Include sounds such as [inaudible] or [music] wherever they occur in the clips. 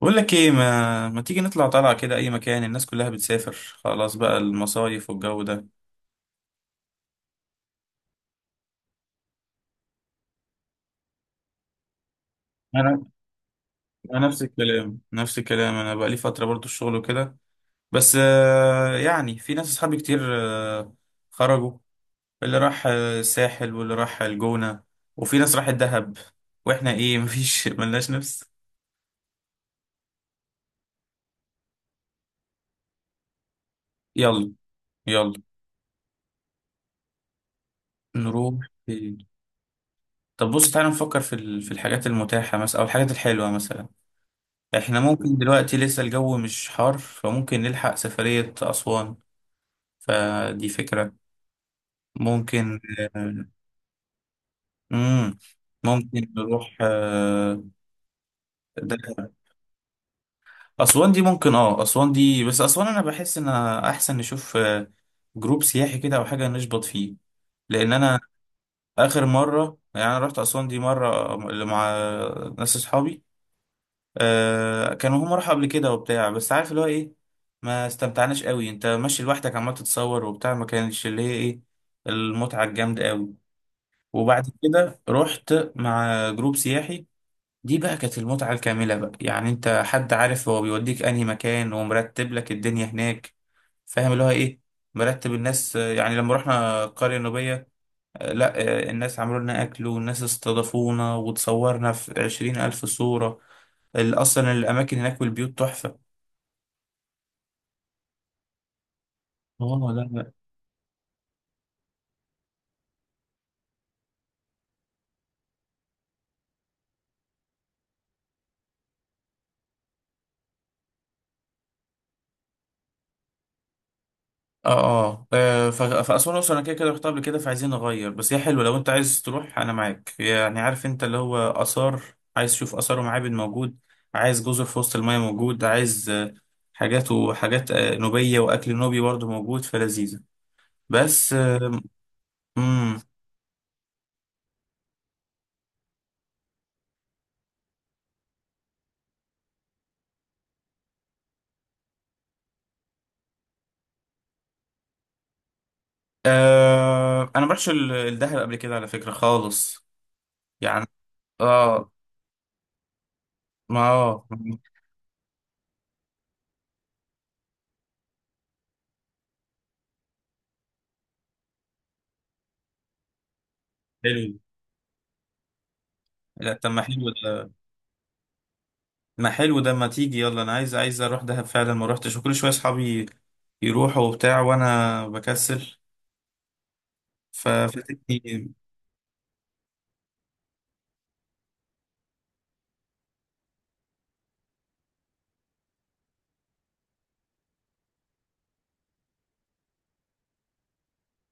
بقول لك ايه، ما تيجي نطلع طلعة كده اي مكان. الناس كلها بتسافر خلاص بقى المصايف والجو ده. انا انا نفس الكلام نفس الكلام. انا بقى لي فترة برضو الشغل وكده. بس يعني في ناس اصحابي كتير خرجوا. اللي راح الساحل واللي راح الجونة، وفي ناس راحت دهب، واحنا ايه [laughs] مفيش ملناش نفس. يلا يلا، نروح فين؟ طب بص تعالى نفكر في الحاجات المتاحة مثلا او الحاجات الحلوة مثلا. احنا ممكن دلوقتي لسه الجو مش حار فممكن نلحق سفرية أسوان. فدي فكرة. ممكن. امم ممكن نروح دهب. أسوان دي ممكن، اه أسوان دي، بس أسوان أنا بحس إن أحسن نشوف جروب سياحي كده أو حاجة نشبط فيه، لأن أنا آخر مرة يعني أنا رحت أسوان دي مرة مع ناس أصحابي. آه كانوا هم راحوا قبل كده وبتاع، بس عارف اللي هو ايه، ما استمتعناش قوي. انت ماشي لوحدك عمال تتصور وبتاع، ما كانش اللي هي ايه المتعة الجامدة قوي. وبعد كده رحت مع جروب سياحي، دي بقى كانت المتعة الكاملة بقى. يعني انت حد عارف هو بيوديك انهي مكان ومرتب لك الدنيا هناك، فاهم اللي هو ايه. مرتب الناس. يعني لما رحنا القرية النوبية، لا الناس عملوا لنا أكل والناس استضافونا وتصورنا في 20,000 صورة. اصلا الاماكن هناك والبيوت تحفه. اه لا لا. اه اه. فاسوان اصلا انا كده كده رحتها قبل كده فعايزين نغير. بس هي حلوه، لو انت عايز تروح انا معاك. يعني عارف انت اللي هو اثار، عايز تشوف اثار ومعابد، موجود. عايز جزر في وسط المايه، موجود. عايز حاجات وحاجات نوبيه واكل نوبي برضه، موجود فلذيذه. بس امم آه. انا ما رحتش الدهب قبل كده على فكره خالص، يعني. اه ما اه حلو. لا طب ما حلو ده، ما حلو ده. ما تيجي يلا، انا عايز اروح دهب فعلا، ما روحتش، وكل شويه اصحابي يروحوا وبتاع وانا بكسل ففاتتني.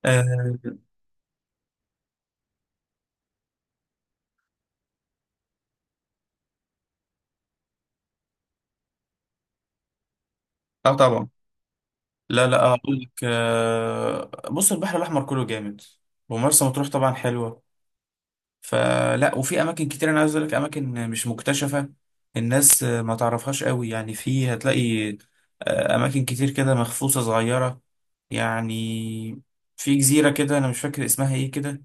اه آه طبعا. لا لا، اقول لك آه، بص، البحر الاحمر كله جامد، ومرسى مطروح طبعا حلوه. فلا، وفي اماكن كتير انا عايز اقول لك، اماكن مش مكتشفه، الناس ما تعرفهاش قوي يعني. في هتلاقي اماكن كتير كده مخصوصه صغيره، يعني. في جزيره كده انا مش فاكر اسمها ايه كده،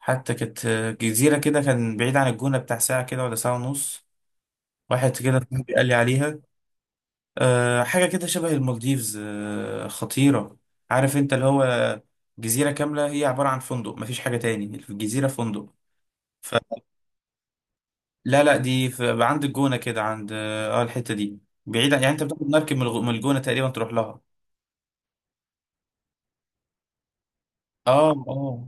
حتى كانت جزيرة كده، كان بعيد عن الجونة بتاع ساعة كده ولا ساعة ونص. واحد كده صاحبي قال لي عليها، أه حاجة كده شبه المالديفز، أه خطيرة. عارف انت اللي هو، جزيرة كاملة هي عبارة عن فندق، مفيش حاجة تاني، الجزيرة فندق. فلا، لا دي في عند الجونة كده، عند اه الحتة دي، بعيدة. يعني انت بتاخد مركب من الجونة تقريبا تروح لها. اه اه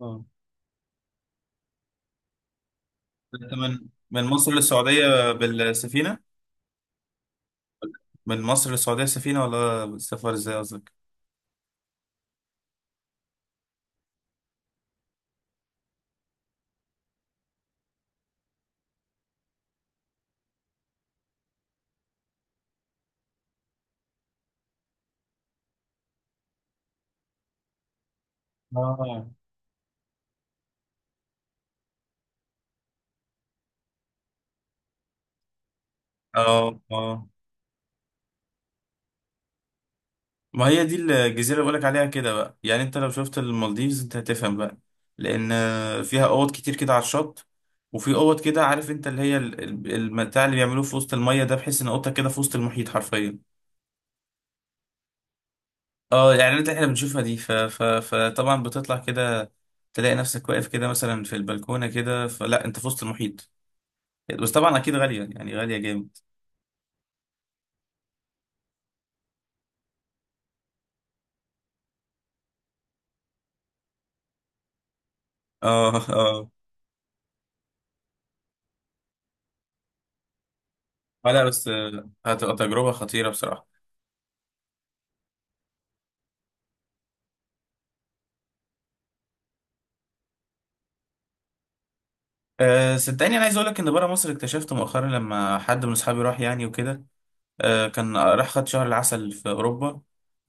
اه. انت من مصر للسعودية بالسفينة؟ من مصر للسعودية سفينة، ولا سفر ازاي قصدك؟ اه اه اه. ما هي دي الجزيرة اللي بقولك عليها كده بقى، يعني انت لو شفت المالديفز انت هتفهم بقى، لأن فيها أوض كتير كده على الشط، وفي أوض كده عارف انت اللي هي المتاع اللي بيعملوه في وسط المية ده، بحيث ان اوضتك كده في وسط المحيط حرفيا. اه الإعلانات اللي احنا بنشوفها دي ف... ف... فطبعا بتطلع كده، تلاقي نفسك واقف كده مثلا في البلكونة كده، فلا انت في وسط المحيط. بس طبعا أكيد غالية، يعني يعني غالية جامد. اه اه لا بس هتبقى تجربة خطيرة بصراحة. أه صدقني، انا عايز اقول لك ان بره مصر، اكتشفت مؤخرا لما حد من اصحابي راح يعني وكده. أه كان راح خد شهر العسل في اوروبا. انا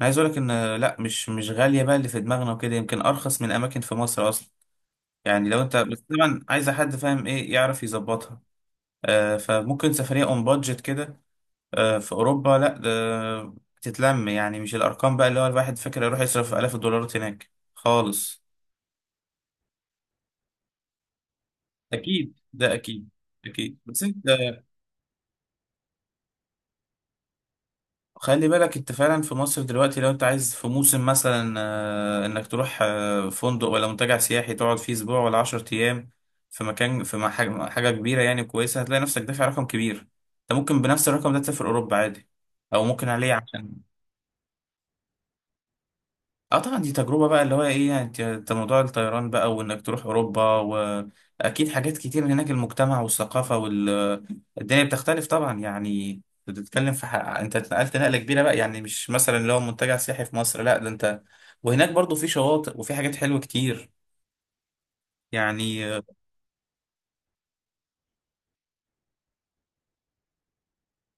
عايز اقول لك ان لا، مش غاليه بقى اللي في دماغنا وكده. يمكن ارخص من اماكن في مصر اصلا، يعني، لو انت بس طبعا عايزه حد فاهم ايه يعرف يظبطها. أه فممكن سفريه اون بادجت كده، أه في اوروبا. لا ده تتلم، يعني مش الارقام بقى اللي هو الواحد فاكر، يروح يصرف الاف الدولارات هناك خالص. اكيد ده اكيد اكيد. بس انت خلي بالك، انت فعلا في مصر دلوقتي لو انت عايز في موسم مثلا انك تروح فندق ولا منتجع سياحي تقعد فيه اسبوع ولا 10 ايام في مكان في حاجه كبيره يعني كويسه، هتلاقي نفسك دافع رقم كبير. انت ممكن بنفس الرقم ده تسافر اوروبا عادي، او ممكن عليه عشان. اه طبعا، دي تجربة بقى اللي هو ايه. يعني انت موضوع الطيران بقى، وانك تروح اوروبا، واكيد حاجات كتير هناك، المجتمع والثقافة والدنيا بتختلف طبعا. يعني بتتكلم في حق، انت اتنقلت نقلة كبيرة بقى، يعني مش مثلا اللي هو منتجع سياحي في مصر، لا ده انت، وهناك برضو في شواطئ وفي حاجات حلوة كتير، يعني.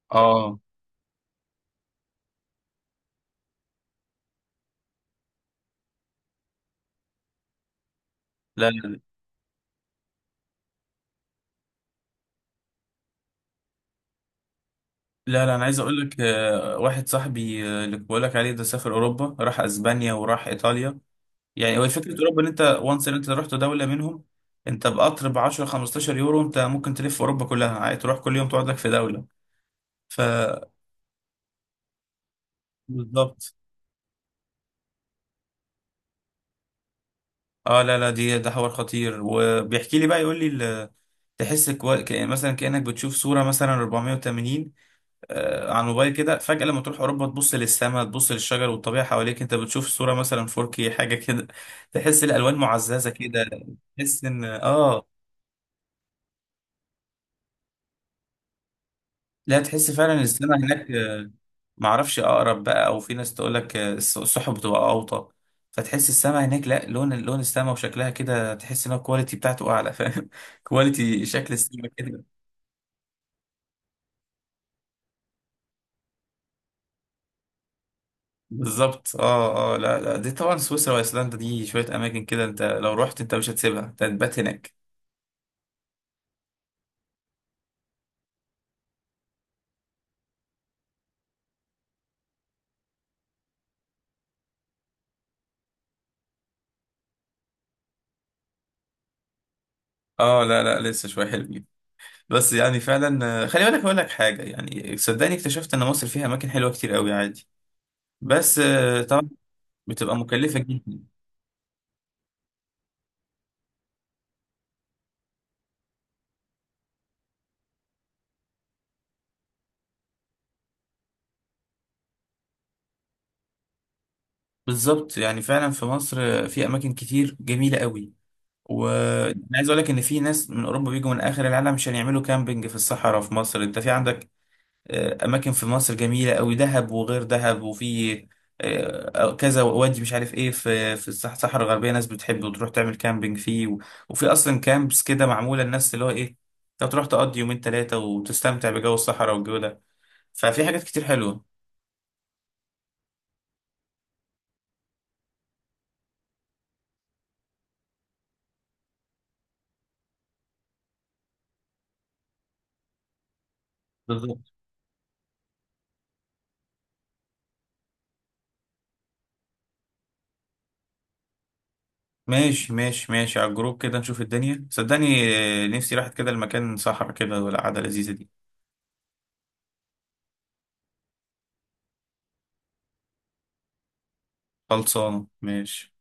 اه لا لا. لا لا، انا عايز اقول لك واحد صاحبي اللي بقول لك عليه ده سافر اوروبا، راح اسبانيا وراح ايطاليا. يعني هو فكره اوروبا ان انت وانس ان انت رحت دوله منهم، انت بقطر ب 10 15 يورو انت ممكن تلف اوروبا كلها عادي، تروح كل يوم تقعد لك في دوله. ف بالظبط. اه لا لا، دي ده حوار خطير. وبيحكي لي بقى يقول لي تحس كأن مثلا كأنك بتشوف صورة مثلا 480 آه على الموبايل كده، فجأة لما تروح أوروبا تبص للسماء، تبص للشجر والطبيعة حواليك، أنت بتشوف صورة مثلا 4K حاجة كده. تحس الألوان معززة كده. تحس إن آه. لا تحس فعلا السماء هناك معرفش اقرب بقى، او في ناس تقول لك السحب بتبقى اوطى، فتحس السماء هناك، لا لون، لون السماء وشكلها كده، تحس ان هو الكواليتي بتاعته اعلى، فاهم [laughs] كواليتي شكل السماء كده. بالظبط اه اه. لا لا دي طبعا سويسرا وايسلندا، دي شويه اماكن كده انت لو رحت انت مش هتسيبها، انت هتبات هناك. اه لا لا، لسه شويه حلوين. بس يعني فعلا خلي بالك اقول لك حاجه، يعني صدقني اكتشفت ان مصر فيها اماكن حلوه كتير قوي عادي، بس طبعا بتبقى مكلفه جدا. بالظبط، يعني فعلا في مصر في اماكن كتير جميله قوي، وانا عايز اقول لك ان في ناس من اوروبا بيجوا من اخر العالم عشان يعملوا كامبينج في الصحراء في مصر. انت في عندك اماكن في مصر جميله قوي، دهب وغير دهب، وفي كذا وادي مش عارف ايه في الصحراء الغربيه، ناس بتحب وتروح تعمل كامبينج فيه، و- وفي اصلا كامبس كده معموله للناس اللي هو ايه، انت تروح تقضي يومين ثلاثه وتستمتع بجو الصحراء والجو ده. ففي حاجات كتير حلوه. ماشي ماشي ماشي، على الجروب كده نشوف الدنيا صدقني. نفسي راحت كده المكان صحرا كده، والقعدة لذيذة دي. خلصانة ماشي.